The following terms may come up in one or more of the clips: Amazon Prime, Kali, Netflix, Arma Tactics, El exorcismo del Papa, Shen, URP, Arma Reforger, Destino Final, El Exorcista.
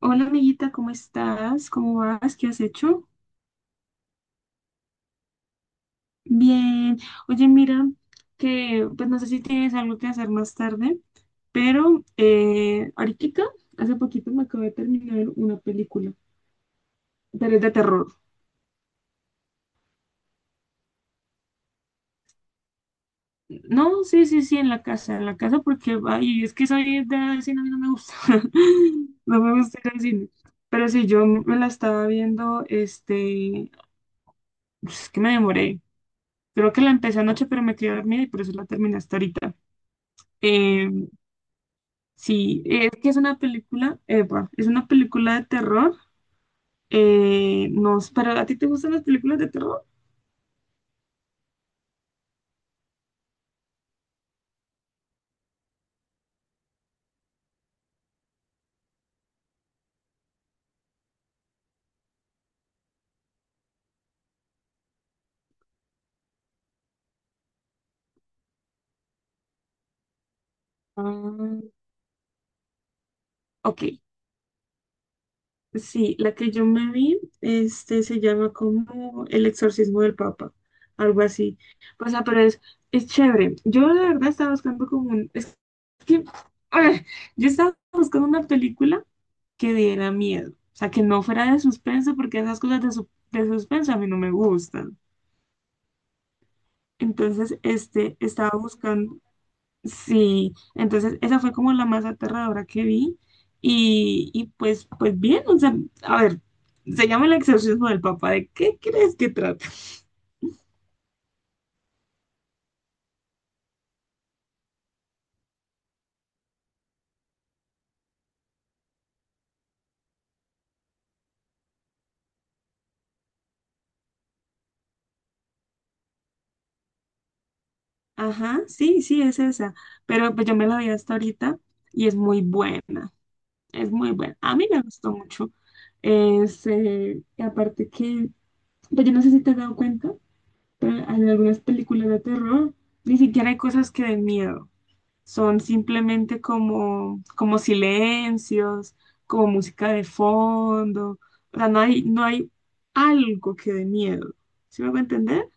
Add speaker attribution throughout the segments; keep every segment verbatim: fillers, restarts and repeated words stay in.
Speaker 1: Hola amiguita, ¿cómo estás? ¿Cómo vas? ¿Qué has hecho? Bien. Oye, mira, que pues no sé si tienes algo que hacer más tarde, pero eh, ahorita, hace poquito me acabo de terminar una película, pero es de terror. No, sí, sí, sí, en la casa, en la casa porque, ay, es que soy de cine, a mí no me gusta, no me gusta ir al cine. Pero sí, yo me la estaba viendo, este, es que me demoré. Creo que la empecé anoche, pero me quedé dormida y por eso la terminé hasta ahorita. Eh, sí, es que es una película, Eva, es una película de terror. Eh, no, pero ¿a ti te gustan las películas de terror? Ah, ok, sí, la que yo me vi, este, se llama como El Exorcismo del Papa, algo así. O sea, pero es, es chévere. Yo la verdad estaba buscando como un, es que, ah, yo estaba buscando una película que diera miedo, o sea, que no fuera de suspenso, porque esas cosas de, su- de suspenso a mí no me gustan. Entonces, este, estaba buscando, sí, entonces esa fue como la más aterradora que vi y, y pues, pues bien, o sea, a ver, se llama el exorcismo del papá, ¿de qué crees que trata? Ajá, sí, sí, es esa, pero pues yo me la vi hasta ahorita y es muy buena. Es muy buena. A mí me gustó mucho. Es, eh, y aparte que, pues yo no sé si te has dado cuenta, pero en algunas películas de terror ni siquiera hay cosas que den miedo. Son simplemente como, como silencios, como música de fondo. O sea, no hay, no hay algo que dé miedo. ¿Sí me voy a entender?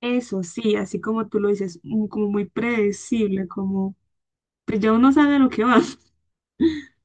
Speaker 1: Eso sí, así como tú lo dices, mm, como muy predecible, como, pues ya uno sabe a lo que va.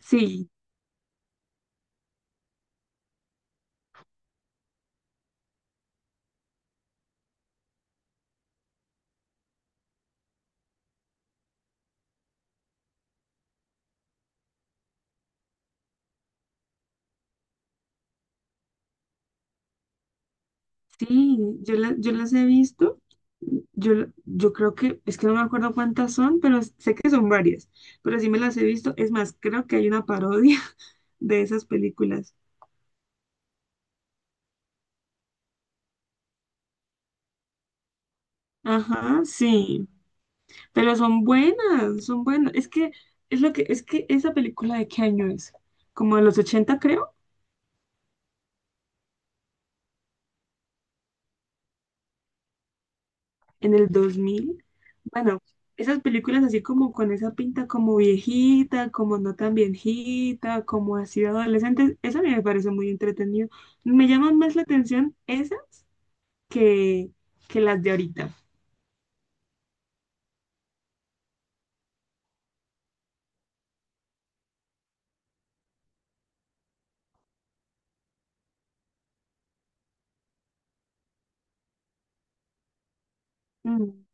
Speaker 1: Sí, sí, yo, la- yo las he visto. Yo, la- yo creo que, es que no me acuerdo cuántas son, pero sé que son varias. Pero sí me las he visto. Es más, creo que hay una parodia de esas películas. Ajá, sí. Pero son buenas, son buenas. Es que, es lo que, es que esa película ¿de qué año es? Como de los ochenta, creo. En el dos mil. Bueno, esas películas así como con esa pinta como viejita, como no tan viejita, como así de adolescentes, eso a mí me parece muy entretenido. Me llaman más la atención esas que, que las de ahorita. Mm,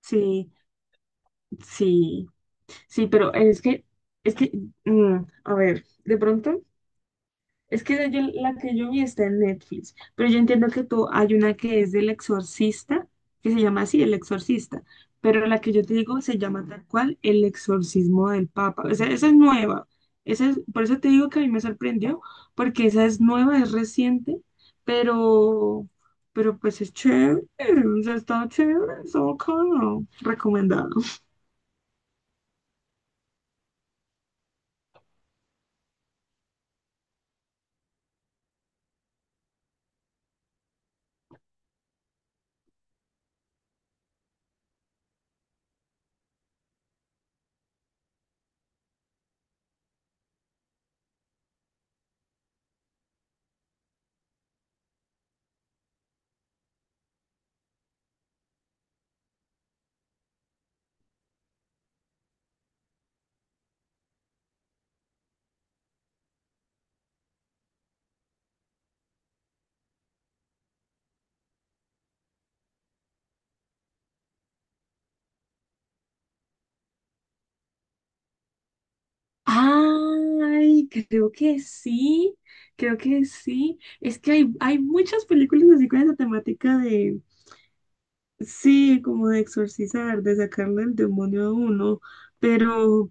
Speaker 1: sí, sí, sí, pero es que, es que, mm, a ver, de pronto es que yo- la que yo vi está en Netflix, pero yo entiendo que tú, hay una que es del exorcista, que se llama así, El Exorcista, pero la que yo te digo se llama tal cual El Exorcismo del Papa. O sea, esa es nueva. Esa es, por eso te digo que a mí me sorprendió, porque esa es nueva, es reciente, pero, pero pues es chévere, o sea, está chévere, está bacano, recomendado. Ay, creo que sí, creo que sí. Es que hay, hay muchas películas así con esa temática de, sí, como de exorcizar, de sacarle el demonio a uno, pero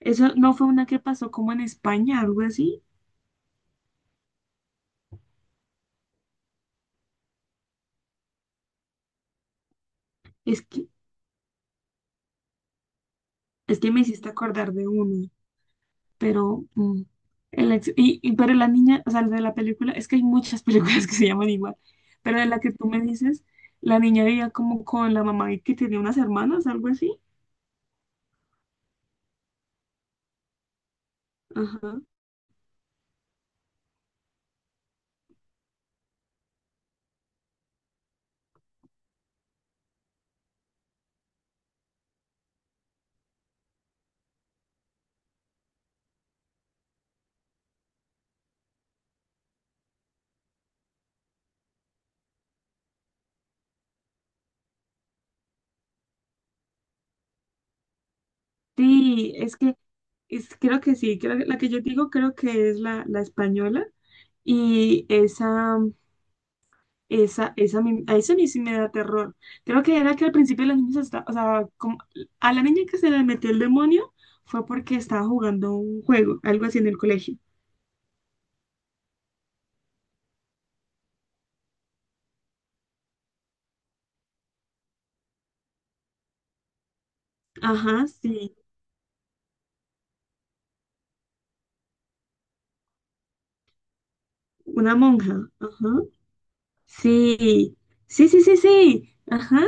Speaker 1: eso no fue una que pasó como en España, algo así. Es que, es que me hiciste acordar de uno, pero, mm, el ex- y, y- pero la niña, o sea, de la película, es que hay muchas películas que se llaman igual, pero de la que tú me dices, la niña vivía como con la mamá y que tenía unas hermanas, algo así. Ajá. Sí, es que es, creo que sí, creo que la que yo digo creo que es la, la española y esa, esa, esa, mi- a eso a mí sí me da terror. Creo que era que al principio los niños estaban, o sea, como- a la niña que se le metió el demonio fue porque estaba jugando un juego, algo así en el colegio. Ajá, sí, una monja, ajá. Sí, sí, sí, sí, sí, ajá.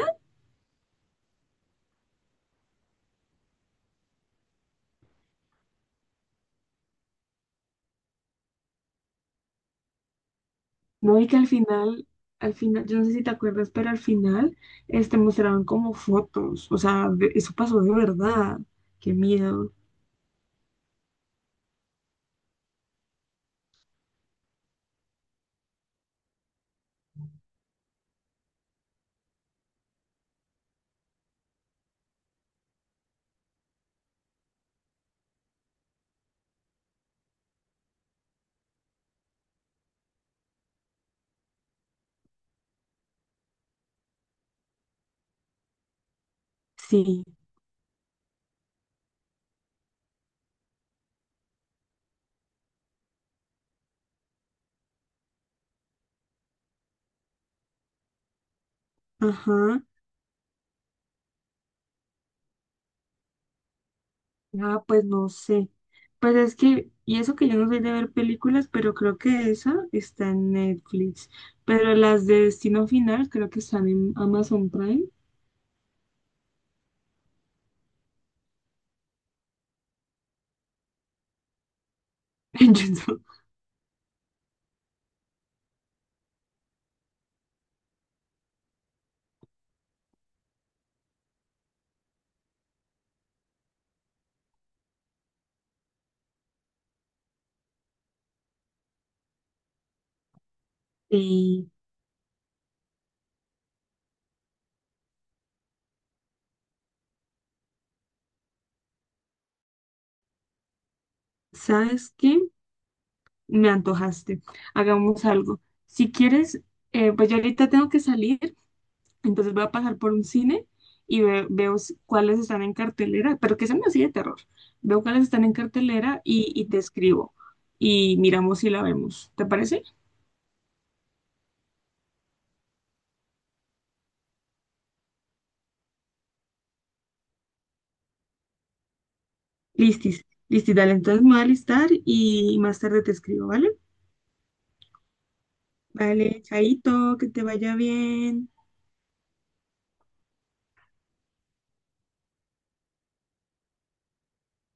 Speaker 1: No, y que al final, al final, yo no sé si te acuerdas, pero al final, este, mostraban como fotos, o sea, de- eso pasó de verdad. Qué miedo. Sí, ajá. Ah, pues no sé. Pues es que, y eso que yo no soy de ver películas, pero creo que esa está en Netflix. Pero las de Destino Final creo que están en Amazon Prime, en YouTube. Y, ¿sabes qué? Me antojaste. Hagamos algo. Si quieres, eh, pues yo ahorita tengo que salir. Entonces voy a pasar por un cine y ve- veo s- cuáles están en cartelera, pero que sean así de terror. Veo cuáles están en cartelera y, y te escribo y miramos si la vemos. ¿Te parece? Listis, listis, dale. Entonces me voy a listar y más tarde te escribo, ¿vale? Vale, chaito, que te vaya bien.